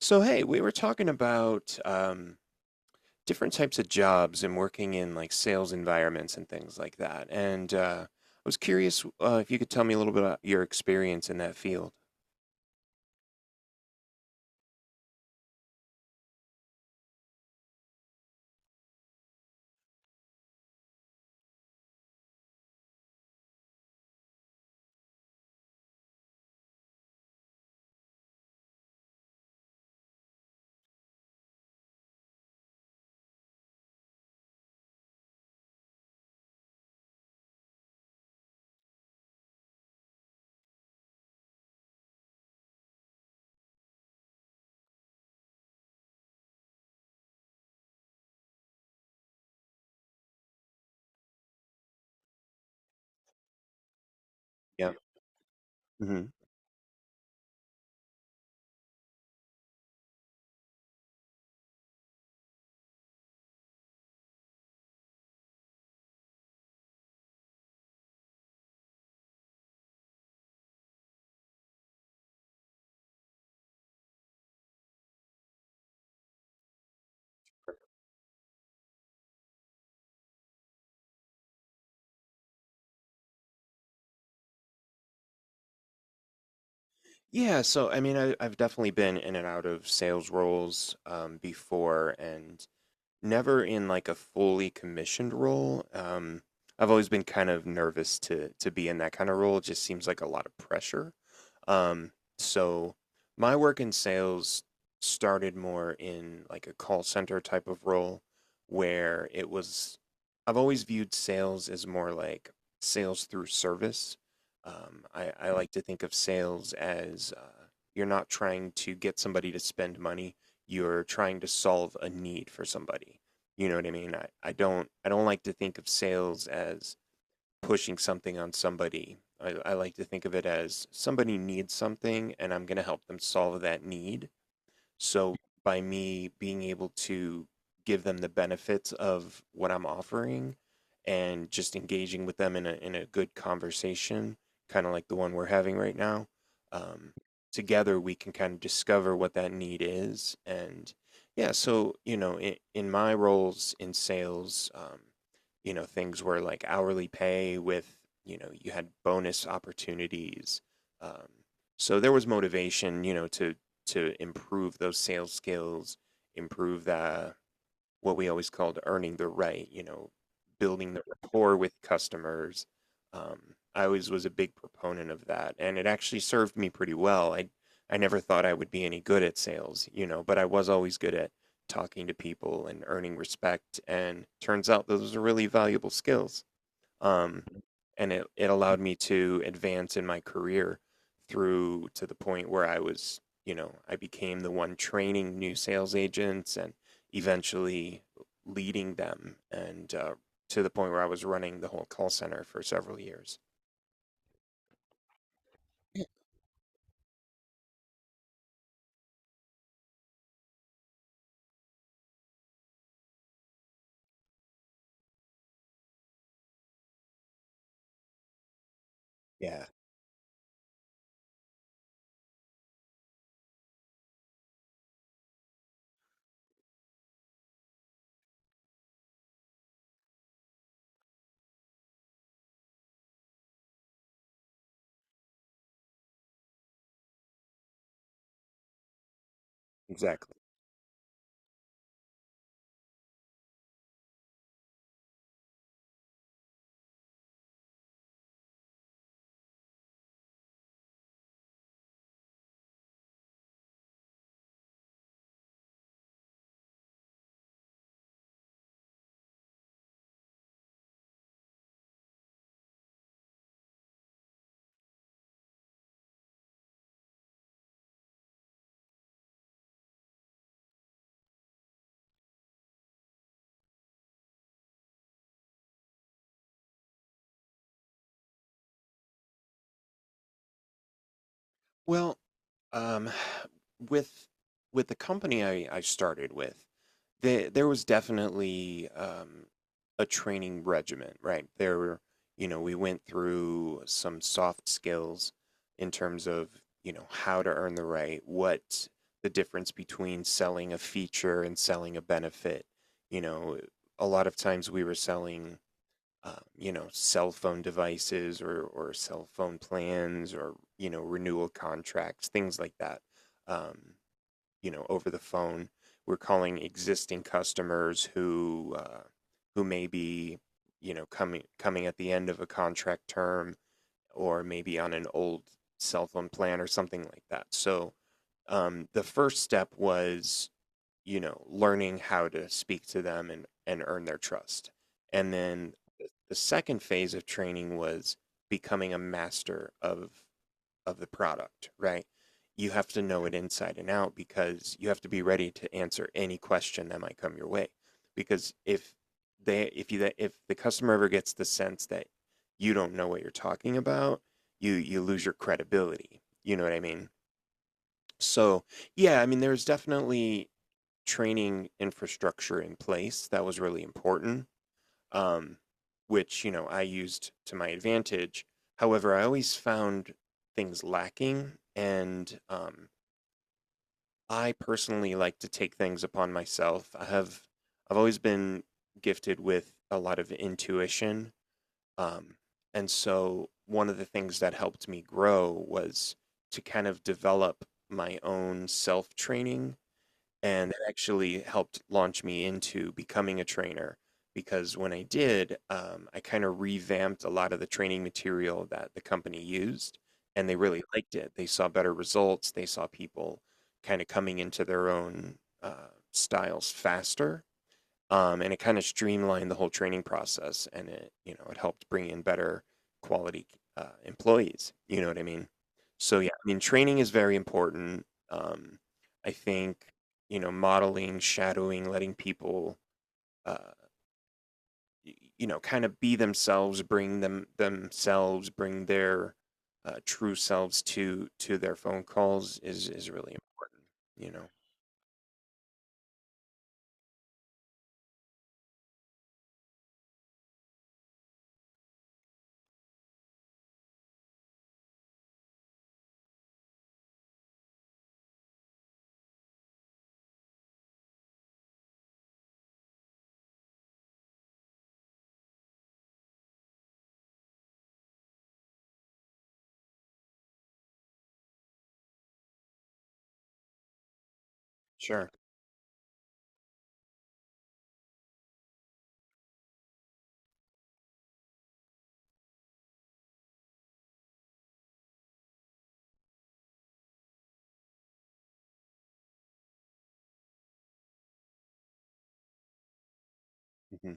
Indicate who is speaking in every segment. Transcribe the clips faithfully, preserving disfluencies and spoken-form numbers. Speaker 1: So, hey, we were talking about um, different types of jobs and working in like sales environments and things like that. And uh, I was curious uh, if you could tell me a little bit about your experience in that field. Yeah. Hmm. Yeah. So, I mean, I, I've definitely been in and out of sales roles um, before and never in like a fully commissioned role. Um, I've always been kind of nervous to to be in that kind of role. It just seems like a lot of pressure. Um, so my work in sales started more in like a call center type of role where it was, I've always viewed sales as more like sales through service. Um, I, I like to think of sales as uh, you're not trying to get somebody to spend money, you're trying to solve a need for somebody. You know what I mean? I, I don't I don't like to think of sales as pushing something on somebody. I, I like to think of it as somebody needs something, and I'm going to help them solve that need. So by me being able to give them the benefits of what I'm offering and just engaging with them in a in a good conversation, kind of like the one we're having right now, um, together we can kind of discover what that need is. And yeah, so you know, in, in my roles in sales, um, you know, things were like hourly pay with, you know, you had bonus opportunities. Um, so there was motivation, you know, to to improve those sales skills, improve the what we always called earning the right, you know, building the rapport with customers. Um, I always was a big proponent of that, and it actually served me pretty well. I I never thought I would be any good at sales, you know, but I was always good at talking to people and earning respect. And turns out those are really valuable skills um, and it it allowed me to advance in my career through to the point where I was, you know, I became the one training new sales agents and eventually leading them, and uh, to the point where I was running the whole call center for several years. Yeah. Yeah, exactly. Well, um, with with the company I, I started with, there there was definitely um, a training regimen, right? There were, you know, we went through some soft skills in terms of, you know, how to earn the right, what the difference between selling a feature and selling a benefit. You know, a lot of times we were selling uh, you know, cell phone devices or, or cell phone plans or, you know, renewal contracts, things like that, um, you know, over the phone. We're calling existing customers who, uh, who may be, you know, coming, coming at the end of a contract term or maybe on an old cell phone plan or something like that. So um, the first step was, you know, learning how to speak to them and, and earn their trust. And then the second phase of training was becoming a master of of the product, right? You have to know it inside and out because you have to be ready to answer any question that might come your way. Because if they if you if the customer ever gets the sense that you don't know what you're talking about, you you lose your credibility. You know what I mean? So, yeah, I mean there's definitely training infrastructure in place that was really important um, which you know I used to my advantage. However, I always found things lacking, and um, I personally like to take things upon myself. I have I've always been gifted with a lot of intuition, um, and so one of the things that helped me grow was to kind of develop my own self training, and that actually helped launch me into becoming a trainer because when I did, um, I kind of revamped a lot of the training material that the company used, and they really liked it. They saw better results. They saw people kind of coming into their own uh, styles faster, um, and it kind of streamlined the whole training process, and it, you know, it helped bring in better quality uh, employees, you know what I mean? So yeah, I mean training is very important. um, I think, you know, modeling, shadowing, letting people uh, y- you know, kind of be themselves, bring them themselves, bring their uh, true selves to to their phone calls is is really important, you know. Sure. Mhm.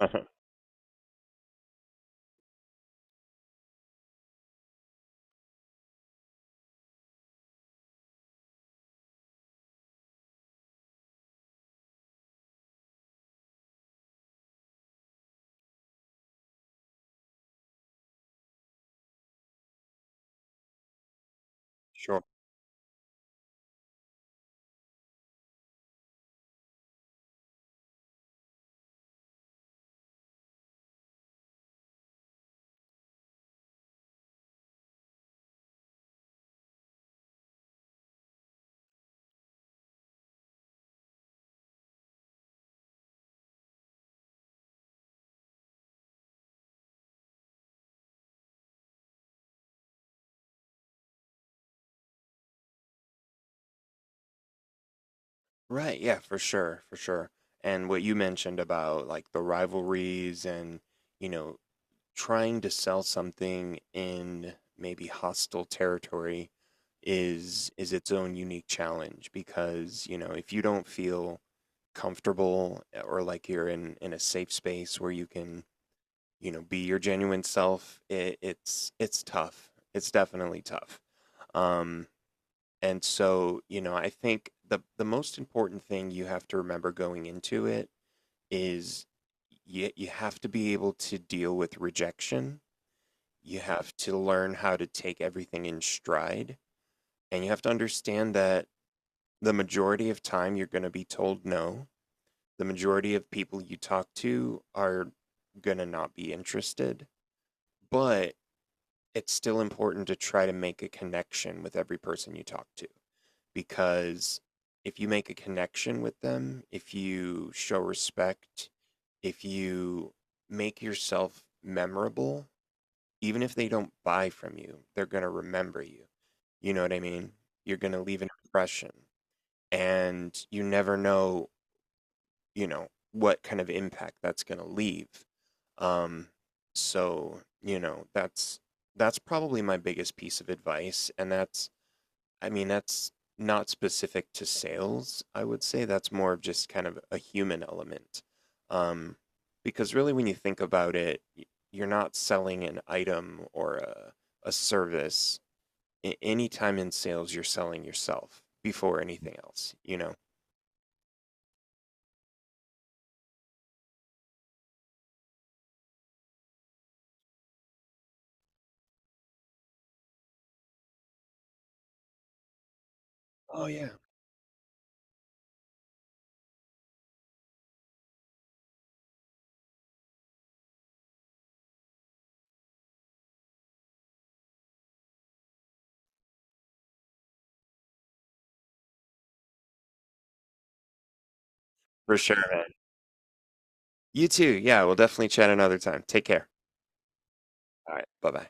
Speaker 1: Sure. Right, yeah, for sure, for sure. And what you mentioned about like the rivalries and, you know, trying to sell something in maybe hostile territory is is its own unique challenge because, you know, if you don't feel comfortable eh, or like you're in in a safe space where you can, you know, be your genuine self, it, it's it's tough. It's definitely tough. Um and so, you know, I think the the most important thing you have to remember going into it is you, you have to be able to deal with rejection. You have to learn how to take everything in stride. And you have to understand that the majority of time you're going to be told no. The majority of people you talk to are going to not be interested. But it's still important to try to make a connection with every person you talk to. Because if you make a connection with them, if you show respect, if you make yourself memorable, even if they don't buy from you, they're going to remember you. You know what I mean? You're going to leave an impression, and you never know, you know, what kind of impact that's going to leave. Um so, you know, that's that's probably my biggest piece of advice, and that's I mean, that's not specific to sales, I would say. That's more of just kind of a human element. Um, because really, when you think about it, y- you're not selling an item or a, a service. A- Anytime in sales, you're selling yourself before anything else, you know? Oh, yeah. For sure, man. You too. Yeah, we'll definitely chat another time. Take care. All right. Bye bye.